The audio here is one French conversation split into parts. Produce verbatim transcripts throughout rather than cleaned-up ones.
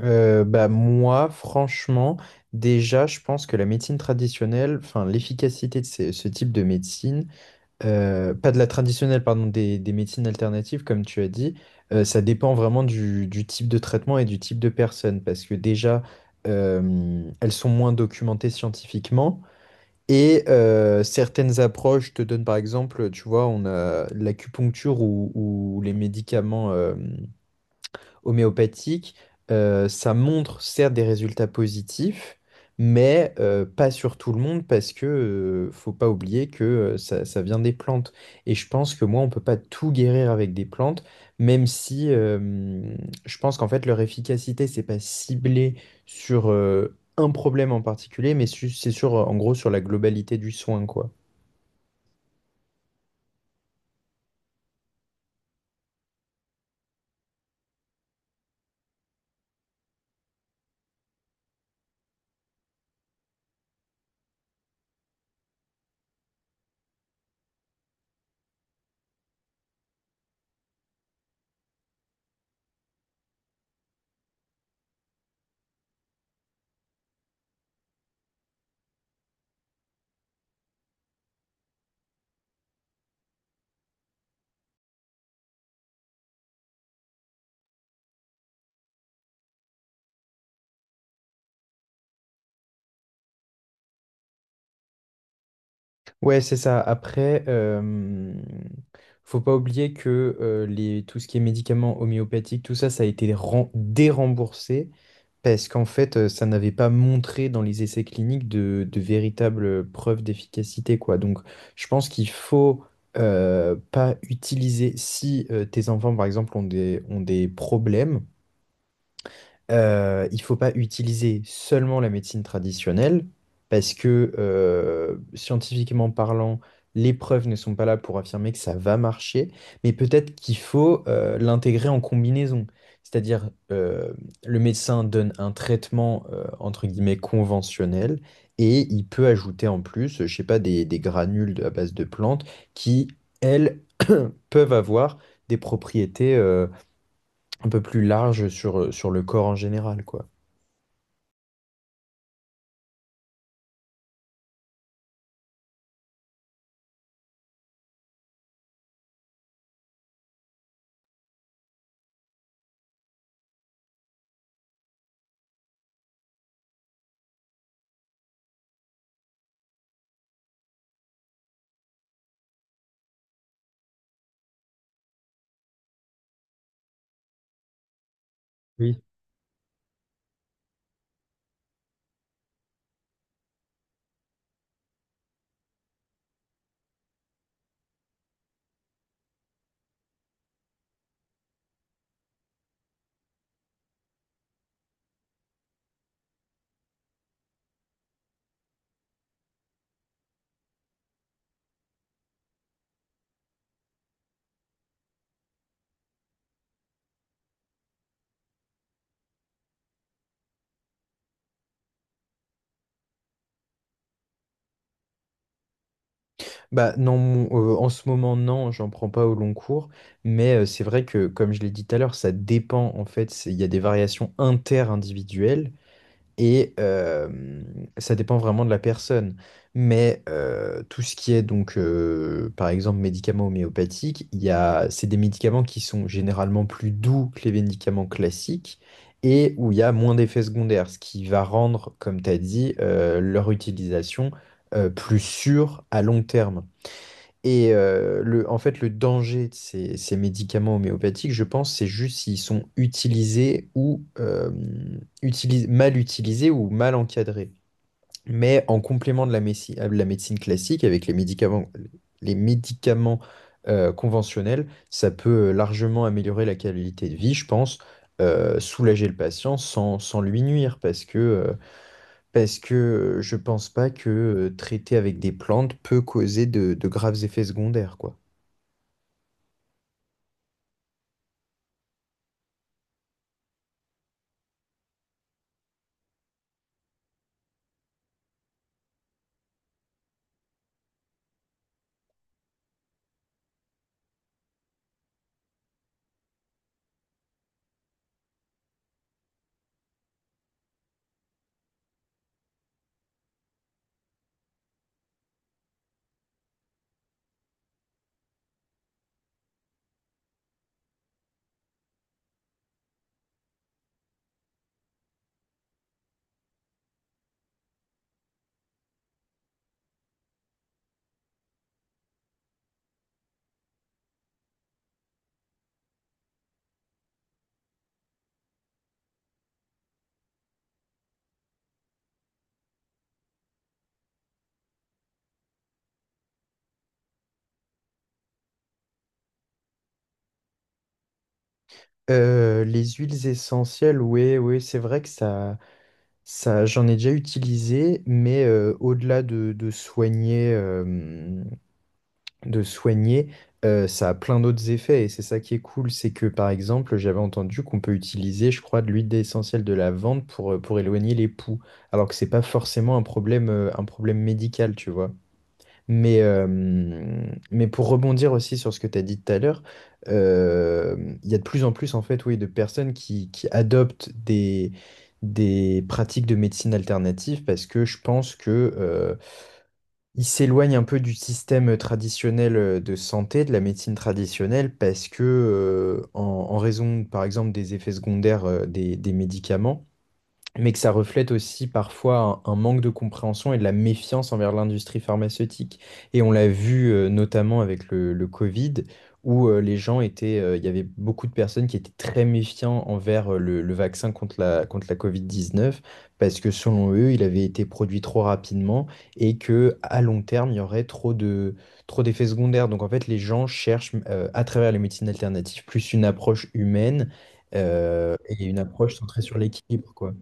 Euh, bah moi, franchement, déjà, je pense que la médecine traditionnelle, enfin l'efficacité de ce, ce type de médecine, euh, pas de la traditionnelle, pardon, des, des médecines alternatives, comme tu as dit, euh, ça dépend vraiment du, du type de traitement et du type de personne, parce que déjà, euh, elles sont moins documentées scientifiquement. Et euh, certaines approches te donnent, par exemple, tu vois, on a l'acupuncture ou, ou les médicaments homéopathique, euh, ça montre certes des résultats positifs, mais euh, pas sur tout le monde parce que euh, faut pas oublier que euh, ça, ça vient des plantes. Et je pense que moi, on peut pas tout guérir avec des plantes, même si euh, je pense qu'en fait leur efficacité, c'est pas ciblé sur euh, un problème en particulier, mais su- c'est sur, en gros sur la globalité du soin, quoi. Ouais, c'est ça. Après, euh, faut pas oublier que euh, les, tout ce qui est médicaments homéopathiques, tout ça, ça a été ren- déremboursé parce qu'en fait, euh, ça n'avait pas montré dans les essais cliniques de, de véritables preuves d'efficacité, quoi. Donc, je pense qu'il faut euh, pas utiliser si euh, tes enfants, par exemple, ont des, ont des problèmes, euh, il faut pas utiliser seulement la médecine traditionnelle parce que euh, scientifiquement parlant, les preuves ne sont pas là pour affirmer que ça va marcher, mais peut-être qu'il faut euh, l'intégrer en combinaison. C'est-à-dire, euh, le médecin donne un traitement euh, entre guillemets conventionnel et il peut ajouter en plus, je sais pas, des, des granules de- à base de plantes qui, elles, peuvent avoir des propriétés euh, un peu plus larges sur, sur le corps en général, quoi. Oui. Bah non, mon- euh, en ce moment, non, j'en prends pas au long cours, mais euh, c'est vrai que, comme je l'ai dit tout à l'heure, ça dépend en fait, c'est- il y a des variations inter-individuelles. Et euh, ça dépend vraiment de la personne. Mais euh, tout ce qui est donc, euh, par exemple, médicaments homéopathiques, il y a, c'est des médicaments qui sont généralement plus doux que les médicaments classiques et où il y a moins d'effets secondaires, ce qui va rendre, comme tu as dit, euh, leur utilisation euh, plus sûre à long terme. Et euh, le, en fait, le danger de ces, ces médicaments homéopathiques, je pense, c'est juste s'ils sont utilisés ou euh, utilis- mal utilisés ou mal encadrés. Mais en complément de la, médeci- de la médecine classique, avec les médicaments, les médicaments euh, conventionnels, ça peut euh, largement améliorer la qualité de vie, je pense, euh, soulager le patient sans, sans lui nuire, parce que, euh, parce que euh, je pense pas que euh, traiter avec des plantes peut causer de, de graves effets secondaires, quoi. Euh, les huiles essentielles, oui, oui, c'est vrai que ça, ça, j'en ai déjà utilisé, mais euh, au-delà de, de soigner, euh, de soigner, euh, ça a plein d'autres effets et c'est ça qui est cool, c'est que par exemple, j'avais entendu qu'on peut utiliser, je crois, de l'huile essentielle de lavande pour euh, pour éloigner les poux, alors que c'est pas forcément un problème, euh, un problème médical, tu vois. Mais, euh, mais pour rebondir aussi sur ce que tu as dit tout à l'heure, euh, il y a de plus en plus en fait, oui, de personnes qui, qui adoptent des, des pratiques de médecine alternative parce que je pense que euh, ils s'éloignent un peu du système traditionnel euh, de santé, de la médecine traditionnelle, parce que euh, en, en raison, par exemple, des effets secondaires euh, des, des médicaments mais que ça reflète aussi parfois un, un manque de compréhension et de la méfiance envers l'industrie pharmaceutique. Et on l'a vu euh, notamment avec le, le Covid, où euh, les gens étaient, euh, il y avait beaucoup de personnes qui étaient très méfiants envers euh, le, le vaccin contre la, contre la Covid dix-neuf, parce que selon eux, il avait été produit trop rapidement et que à long terme, il y aurait trop de, trop d'effets secondaires. Donc en fait, les gens cherchent euh, à travers les médecines alternatives plus une approche humaine euh, et une approche centrée sur l'équilibre, quoi.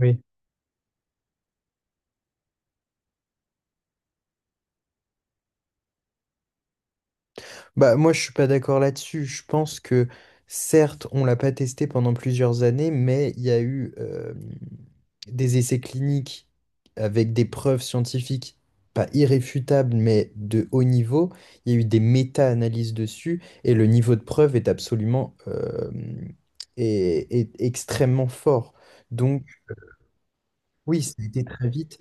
Oui. Bah, moi, je suis pas d'accord là-dessus. Je pense que, certes, on l'a pas testé pendant plusieurs années, mais il y a eu euh, des essais cliniques avec des preuves scientifiques, pas irréfutables, mais de haut niveau. Il y a eu des méta-analyses dessus, et le niveau de preuve est absolument euh, est, est extrêmement fort. Donc, oui, ça a été très vite.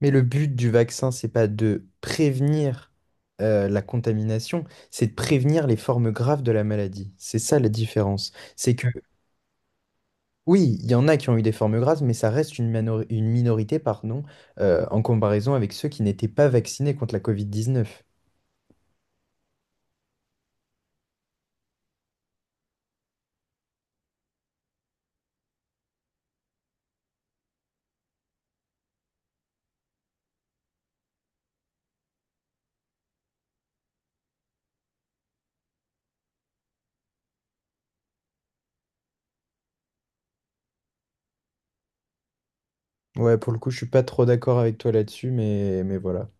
Mais le but du vaccin, c'est pas de prévenir euh, la contamination, c'est de prévenir les formes graves de la maladie. C'est ça la différence. C'est que, oui, il y en a qui ont eu des formes graves, mais ça reste une, manori- une minorité, pardon, euh, en comparaison avec ceux qui n'étaient pas vaccinés contre la Covid dix-neuf. Ouais, pour le coup, je suis pas trop d'accord avec toi là-dessus, mais, mais voilà.